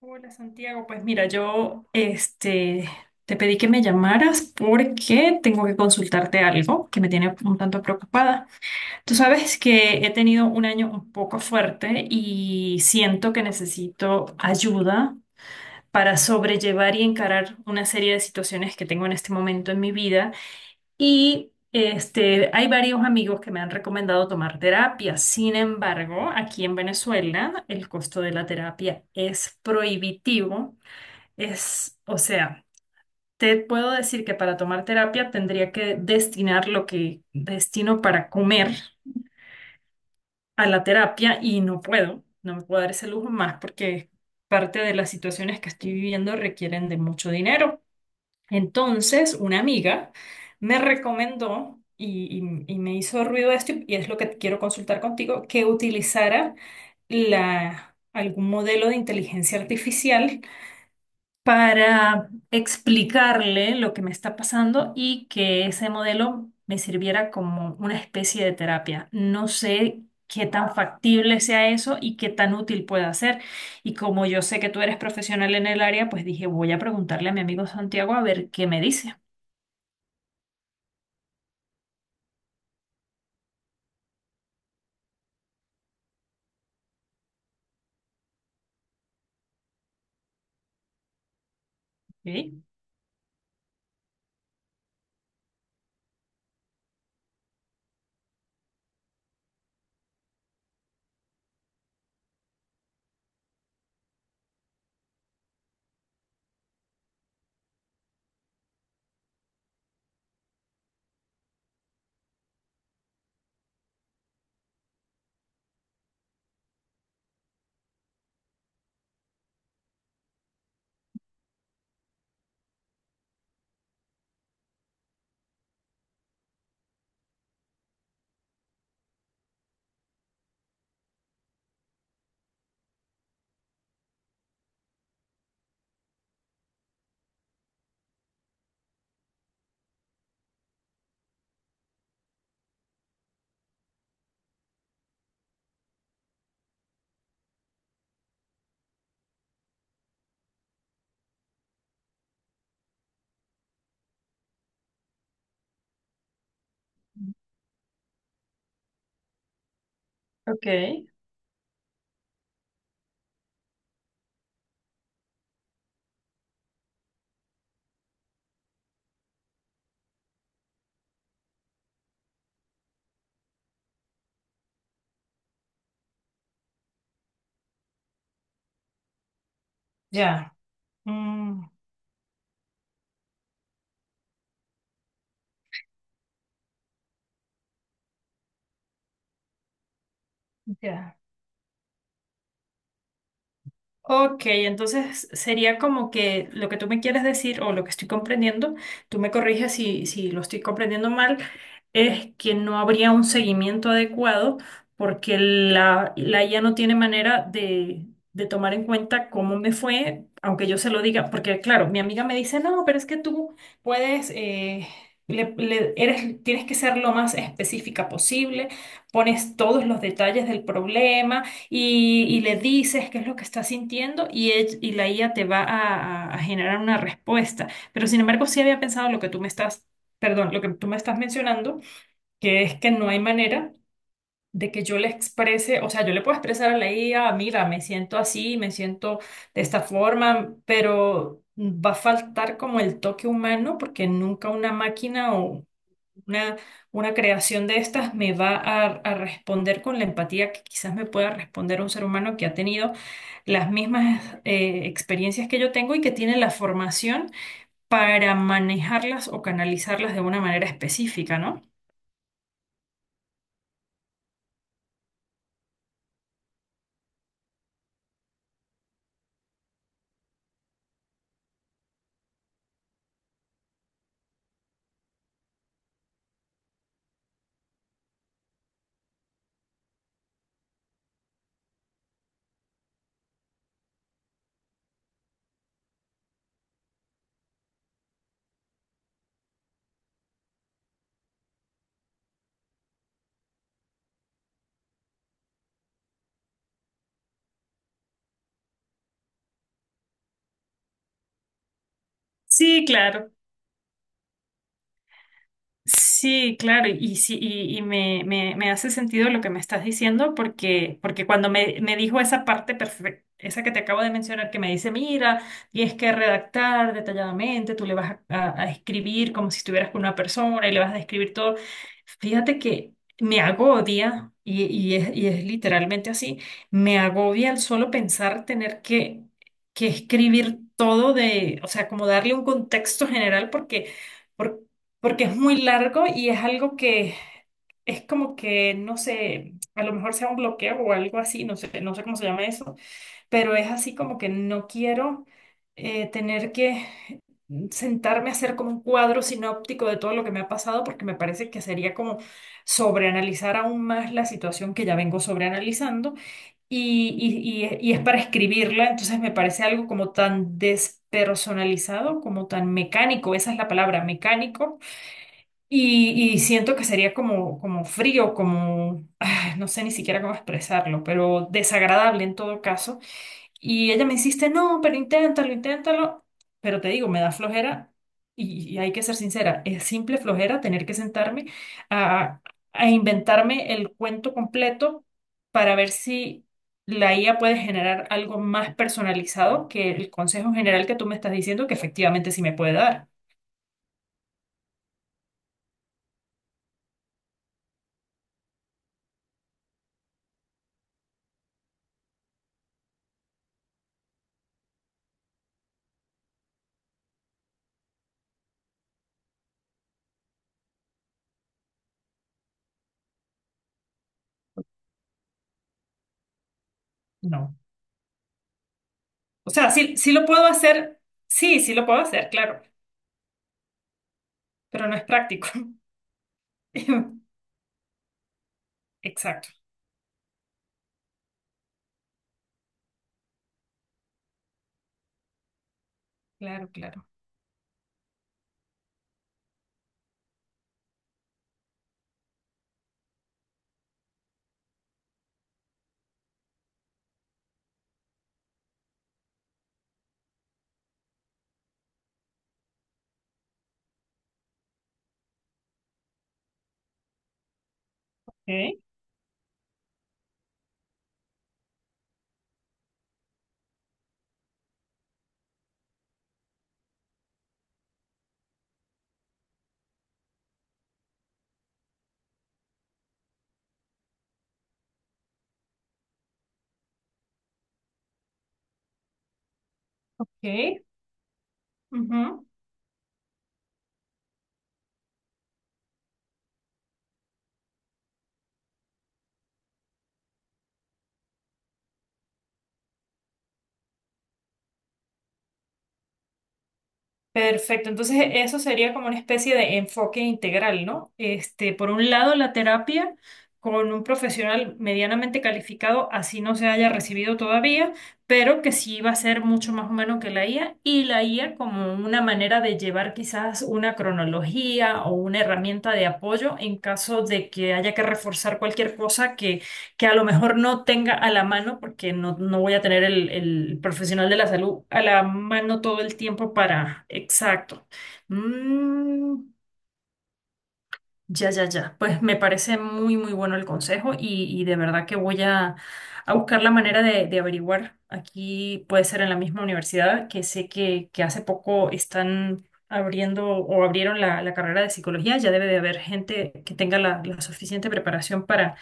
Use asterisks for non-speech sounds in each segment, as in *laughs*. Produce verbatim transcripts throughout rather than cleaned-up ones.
Hola Santiago, pues mira, yo este, te pedí que me llamaras porque tengo que consultarte algo que me tiene un tanto preocupada. Tú sabes que he tenido un año un poco fuerte y siento que necesito ayuda para sobrellevar y encarar una serie de situaciones que tengo en este momento en mi vida. Y este, hay varios amigos que me han recomendado tomar terapia. Sin embargo, aquí en Venezuela el costo de la terapia es prohibitivo. Es, o sea, te puedo decir que para tomar terapia tendría que destinar lo que destino para comer a la terapia y no puedo, no me puedo dar ese lujo más porque parte de las situaciones que estoy viviendo requieren de mucho dinero. Entonces, una amiga me recomendó y, y y me hizo ruido esto y es lo que quiero consultar contigo, que utilizara la, algún modelo de inteligencia artificial para explicarle lo que me está pasando y que ese modelo me sirviera como una especie de terapia. No sé qué tan factible sea eso y qué tan útil pueda ser. Y como yo sé que tú eres profesional en el área, pues dije, voy a preguntarle a mi amigo Santiago a ver qué me dice. Ok, ok, ya. Mm, ya. Ok, entonces sería como que lo que tú me quieres decir o lo que estoy comprendiendo, tú me corriges si, si lo estoy comprendiendo mal, es que no habría un seguimiento adecuado porque la, la I A no tiene manera de, de tomar en cuenta cómo me fue, aunque yo se lo diga, porque claro, mi amiga me dice, no, pero es que tú puedes, eh, le- le- eres, tienes que ser lo más específica posible, pones todos los detalles del problema y, y le dices qué es lo que estás sintiendo y, ell- y la I A te va a, a- a generar una respuesta. Pero sin embargo, sí había pensado lo que tú me estás, perdón, lo que tú me estás mencionando, que es que no hay manera de que yo le exprese, o sea, yo le puedo expresar a la I A, mira, me siento así, me siento de esta forma, pero va a faltar como el toque humano porque nunca una máquina o una, una creación de estas me va a, a responder con la empatía que quizás me pueda responder un ser humano que ha tenido las mismas eh, experiencias que yo tengo y que tiene la formación para manejarlas o canalizarlas de una manera específica, ¿no? Sí, claro. Sí, claro, y sí, y, y me, me, me hace sentido lo que me estás diciendo, porque, porque cuando me, me dijo esa parte perfecta, esa que te acabo de mencionar, que me dice, mira, tienes que redactar detalladamente, tú le vas a, a- a escribir como si estuvieras con una persona y le vas a describir todo. Fíjate que me agobia, y, y es, y es literalmente así, me agobia el solo pensar tener que, que escribir todo de, o sea, como darle un contexto general, porque porque es muy largo y es algo que es como que, no sé, a lo mejor sea un bloqueo o algo así, no sé, no sé cómo se llama eso, pero es así como que no quiero eh, tener que sentarme a hacer como un cuadro sinóptico de todo lo que me ha pasado, porque me parece que sería como sobreanalizar aún más la situación que ya vengo sobreanalizando y, y, y, y es para escribirla, entonces me parece algo como tan despersonalizado, como tan mecánico, esa es la palabra, mecánico y, y siento que sería como, como frío, como, ah, no sé ni siquiera cómo expresarlo, pero desagradable en todo caso. Y ella me insiste, no, pero inténtalo, inténtalo. Pero te digo, me da flojera y, y hay que ser sincera, es simple flojera tener que sentarme a, a inventarme el cuento completo para ver si la I A puede generar algo más personalizado que el consejo general que tú me estás diciendo que efectivamente sí me puede dar. No. O sea, sí, sí lo puedo hacer, sí, sí lo puedo hacer, claro, pero no es práctico. *laughs* Exacto, claro, claro. Ok, ok. Ujú. Perfecto, entonces eso sería como una especie de enfoque integral, ¿no? Este, por un lado, la terapia con un profesional medianamente calificado, así no se haya recibido todavía, pero que sí va a ser mucho más humano que la I A, y la I A como una manera de llevar quizás una cronología o una herramienta de apoyo en caso de que haya que reforzar cualquier cosa que a lo mejor no tenga a la mano, porque no, no voy a tener el, el profesional de la salud a la mano todo el tiempo para... Exacto. Mm, ya, ya, ya. Pues me parece muy, muy bueno el consejo y, y de verdad que voy a, a buscar la manera de, de averiguar. Aquí puede ser en la misma universidad, que sé que, que hace poco están abriendo o abrieron la, la carrera de psicología. Ya debe de haber gente que tenga la la suficiente preparación para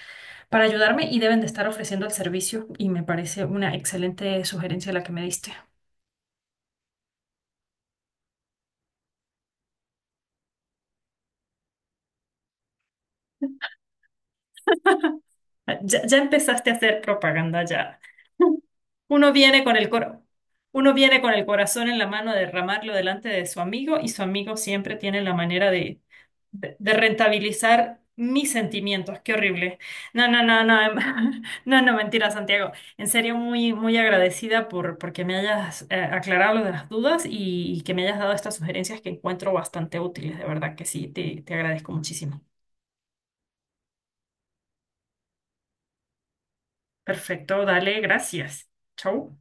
para ayudarme y deben de estar ofreciendo el servicio y me parece una excelente sugerencia la que me diste. Ah, ya, ya empezaste a hacer propaganda ya. Uno viene con el coro, uno viene con el corazón en la mano a derramarlo delante de su amigo y su amigo siempre tiene la manera de, de, de rentabilizar mis sentimientos. Qué horrible. No, no, no, no, em- *laughs* no, no, mentira, Santiago. En serio, muy, muy agradecida por porque me hayas eh, aclarado lo de las dudas y, y que me hayas dado estas sugerencias que encuentro bastante útiles. De verdad que sí, te, te agradezco muchísimo. Perfecto, dale, gracias. Chau.